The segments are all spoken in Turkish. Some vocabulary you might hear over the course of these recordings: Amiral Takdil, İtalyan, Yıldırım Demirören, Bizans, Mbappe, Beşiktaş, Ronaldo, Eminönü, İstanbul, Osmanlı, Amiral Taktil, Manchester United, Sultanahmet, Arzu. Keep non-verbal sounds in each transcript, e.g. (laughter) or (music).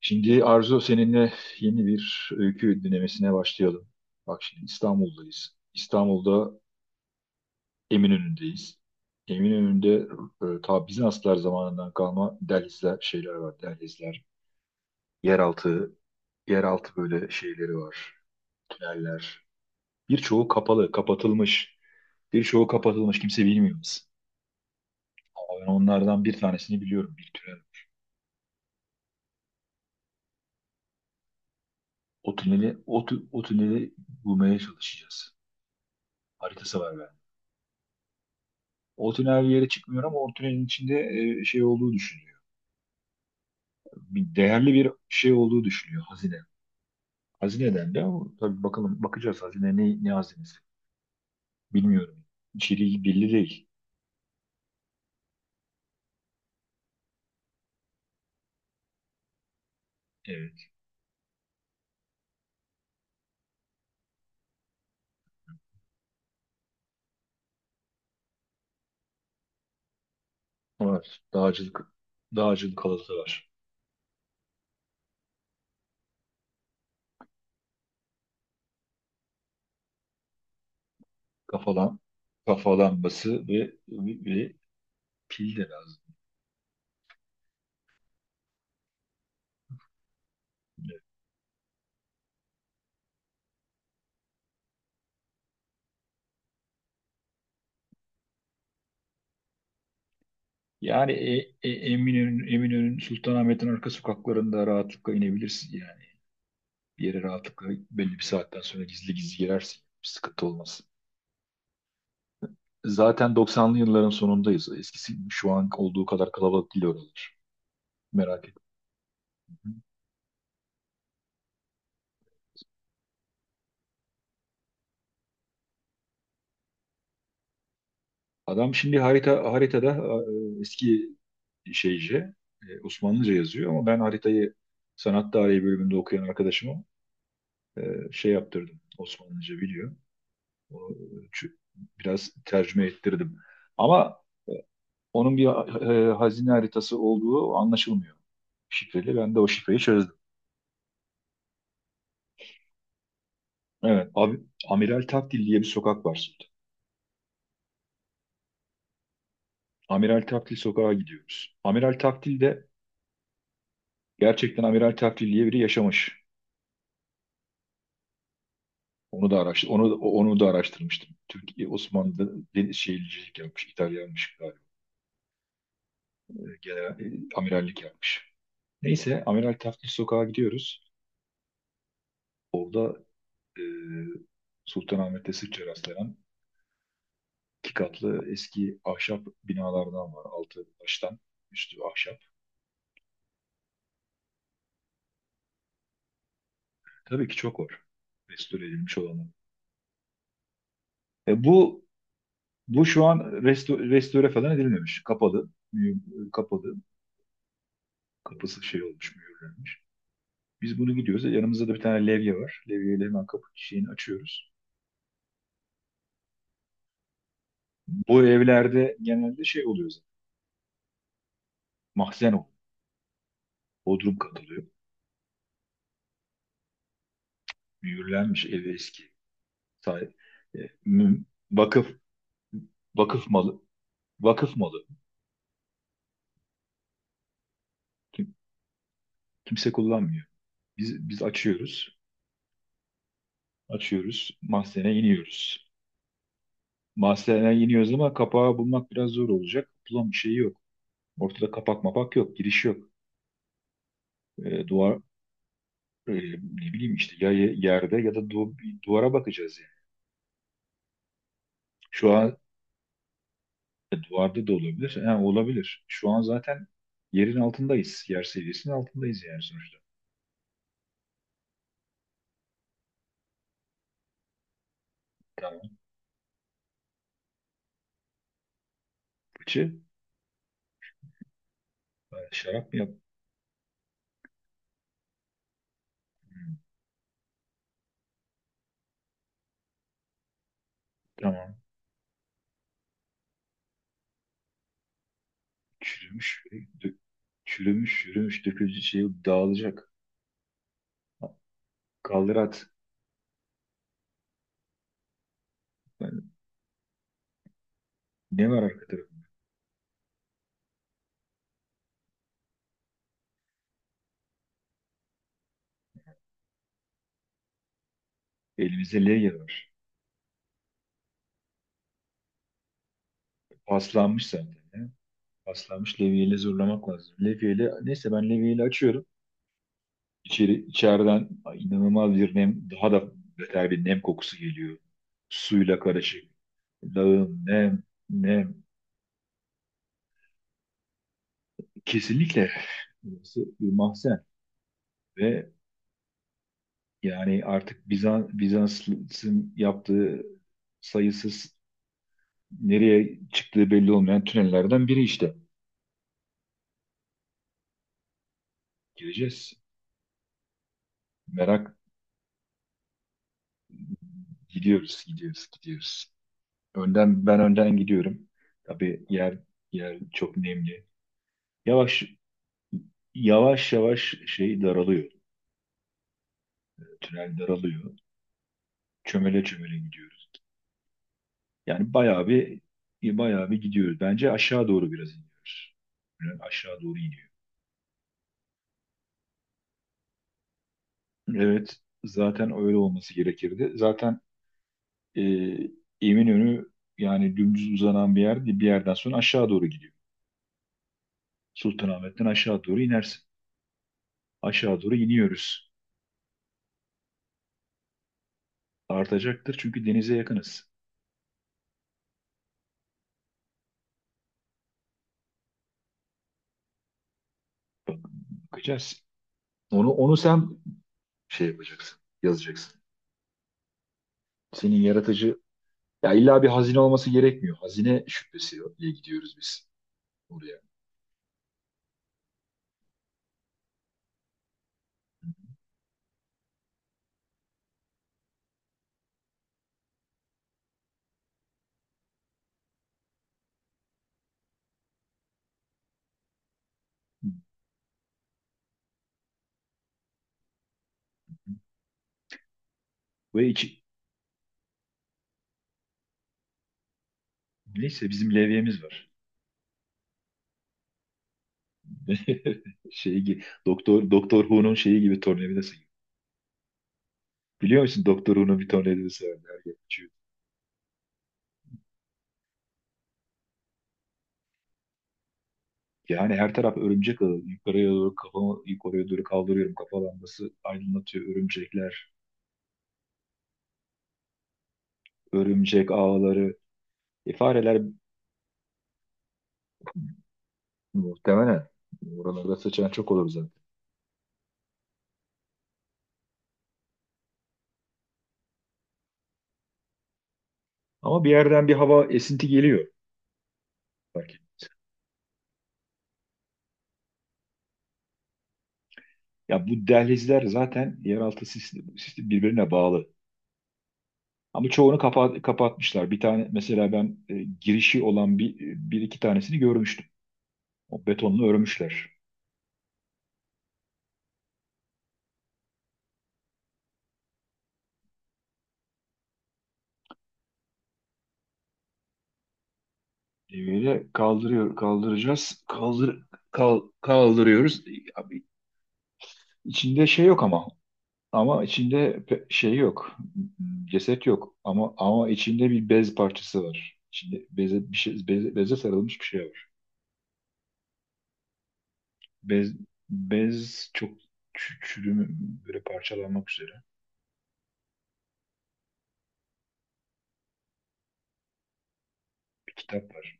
Şimdi Arzu seninle yeni bir öykü dinlemesine başlayalım. Bak şimdi İstanbul'dayız. İstanbul'da Eminönü'ndeyiz. Eminönü'nde ta Bizanslar zamanından kalma dehlizler, şeyler var, dehlizler. Yeraltı, yeraltı böyle şeyleri var, tüneller. Birçoğu kapalı, kapatılmış. Birçoğu kapatılmış, kimse bilmiyor biz. Ama Ben onlardan bir tanesini biliyorum, bir tünel. O tüneli bulmaya çalışacağız. Haritası var. O tünel bir yere çıkmıyor ama o tünelin içinde şey olduğu düşünülüyor. Bir değerli bir şey olduğu düşünülüyor, hazine. Hazineden de ama tabii bakalım, bakacağız hazine ne hazinesi bilmiyorum. İçeriği belli değil. Evet. Var. Dağcılık halatı var. Kafalan, kafalanması ve pil de lazım. Evet. Yani Eminönü'nün Sultanahmet'in arka sokaklarında rahatlıkla inebilirsin yani. Bir yere rahatlıkla belli bir saatten sonra gizli gizli girersin. Bir sıkıntı olmaz. Zaten 90'lı yılların sonundayız. Eskisi şu an olduğu kadar kalabalık değil oralar. Merak etme. Adam şimdi haritada eski şeyce, Osmanlıca yazıyor, ama ben haritayı sanat tarihi bölümünde okuyan arkadaşıma e, şey yaptırdım. Osmanlıca biliyor. O, çü- Biraz tercüme ettirdim. Ama e, onun bir hazine haritası olduğu anlaşılmıyor, şifreli. Ben de o şifreyi çözdüm. Evet. Abi, Amiral Takdil diye bir sokak var. Amiral Taktil sokağa gidiyoruz. Amiral Taktil de gerçekten Amiral Taktil diye biri yaşamış. Onu da araştır, onu da araştırmıştım. Türkiye Osmanlı'da deniz şehircilik yapmış, İtalyanmış galiba. Genel amirallik yapmış. Neyse Amiral Taktil sokağa gidiyoruz. Orada e, Sultanahmet'te sıkça rastlanan iki katlı eski ahşap binalardan var. Altı taştan, üstü ahşap. Tabii ki çok var. Restore edilmiş olanı. E, bu Bu şu an restore falan edilmemiş. Kapalı. Kapalı. Kapısı şey olmuş, mühürlenmiş. Biz bunu gidiyoruz. Yanımızda da bir tane levye var. Levyeyle hemen kapı şeyini açıyoruz. Bu evlerde genelde şey oluyor zaten. Mahzen oluyor. Bodrum katılıyor. Mühürlenmiş ev eski. Sahip. E, mü- vakıf Vakıf malı. Vakıf malı. Kim- Kimse kullanmıyor. Biz açıyoruz. Açıyoruz. Mahzene iniyoruz. Mahzene iniyoruz ama kapağı bulmak biraz zor olacak. Bulan bir şey yok. Ortada kapak mapak yok, giriş yok. E, duvar Ne bileyim işte ya, yerde ya da bir duvara bakacağız yani. Şu an duvarda da olabilir. Ha, olabilir. Şu an zaten yerin altındayız. Yer seviyesinin altındayız yani sonuçta. Tamam. Fıçı. Şarap mı yap? Tamam. Çürümüş. Çürümüş, çürümüş, dökülecek şey dağılacak. Kaldır at. Yani ne var arka tarafında? Elimizde levye var. Paslanmış zaten, ya. Paslanmış, levyeyle zorlamak lazım. Levyeyle, neyse ben levyeyle açıyorum. İçeriden inanılmaz bir nem, daha da beter bir nem kokusu geliyor. Suyla karışık. Lağım, nem, nem. Kesinlikle burası bir mahzen. Ve yani artık Bizans'ın yaptığı sayısız, nereye çıktığı belli olmayan tünellerden biri işte. Gireceğiz. Merak. Gidiyoruz. Önden, ben önden gidiyorum. Tabii yer çok nemli. Yavaş, yavaş şey daralıyor. Tünel daralıyor. Çömele çömele gidiyoruz. Yani bayağı bir gidiyoruz. Bence aşağı doğru biraz iniyoruz. Tünel aşağı doğru iniyor. Evet, zaten öyle olması gerekirdi. Zaten e, Eminönü yani dümdüz uzanan bir yer değil, bir yerden sonra aşağı doğru gidiyor. Sultanahmet'ten aşağı doğru inersin. Aşağı doğru iniyoruz. Artacaktır çünkü denize yakınız. Bakacağız. Onu sen şey yapacaksın, yazacaksın. Senin yaratıcı. Ya illa bir hazine olması gerekmiyor. Hazine şüphesiyle gidiyoruz biz oraya. Ve iki, neyse bizim levyemiz var. (laughs) Şey gibi, Doktor Who'nun şeyi gibi, tornavidası gibi. Biliyor musun Doktor Who'nun bir tornavidası var. Her yer uçuyor. Yani her taraf örümcek ağı. Yukarıya doğru kafamı yukarıya doğru kaldırıyorum. Kafa lambası aydınlatıyor, örümcekler. Örümcek ağları. Fareler muhtemelen. Oralarda sıçan çok olur zaten. Ama bir yerden bir hava esinti geliyor. Fark. Ya bu dehlizler zaten yeraltı sistemi birbirine bağlı. Ama çoğunu kapatmışlar. Bir tane mesela ben girişi olan bir iki tanesini görmüştüm. O betonla örmüşler. Böyle kaldıracağız. Kaldırıyoruz. Abi, içinde şey yok ama. Ama içinde şey yok. Hmm, ceset yok. Ama içinde bir bez parçası var. İçinde beze sarılmış bir şey var. Bez, bez çok çürüme, böyle parçalanmak üzere bir kitap var.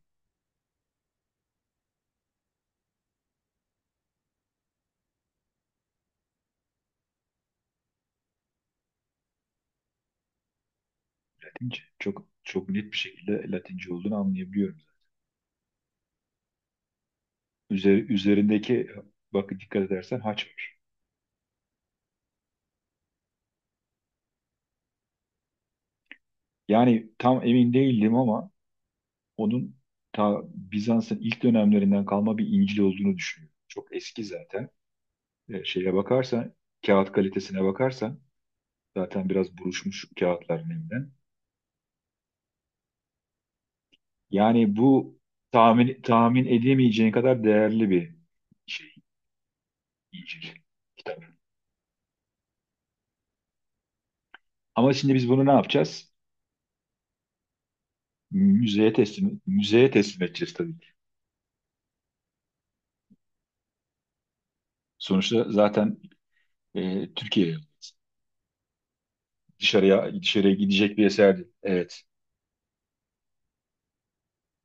Latince. Çok çok net bir şekilde Latince olduğunu anlayabiliyorum. Üzerindeki, bak dikkat edersen, haç var. Yani tam emin değildim ama onun ta Bizans'ın ilk dönemlerinden kalma bir İncil olduğunu düşünüyorum. Çok eski zaten. Şeye bakarsan, kağıt kalitesine bakarsan zaten biraz buruşmuş kağıtlar nemden. Yani bu tahmin edemeyeceğin kadar değerli bir şey. İncil, kitap. Ama şimdi biz bunu ne yapacağız? Müzeye teslim edeceğiz tabii ki. Sonuçta zaten e, Türkiye'ye dışarıya gidecek bir eserdi. Evet.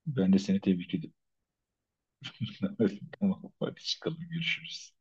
Ben de seni tebrik ediyorum. (laughs) Tamam, hadi çıkalım, görüşürüz.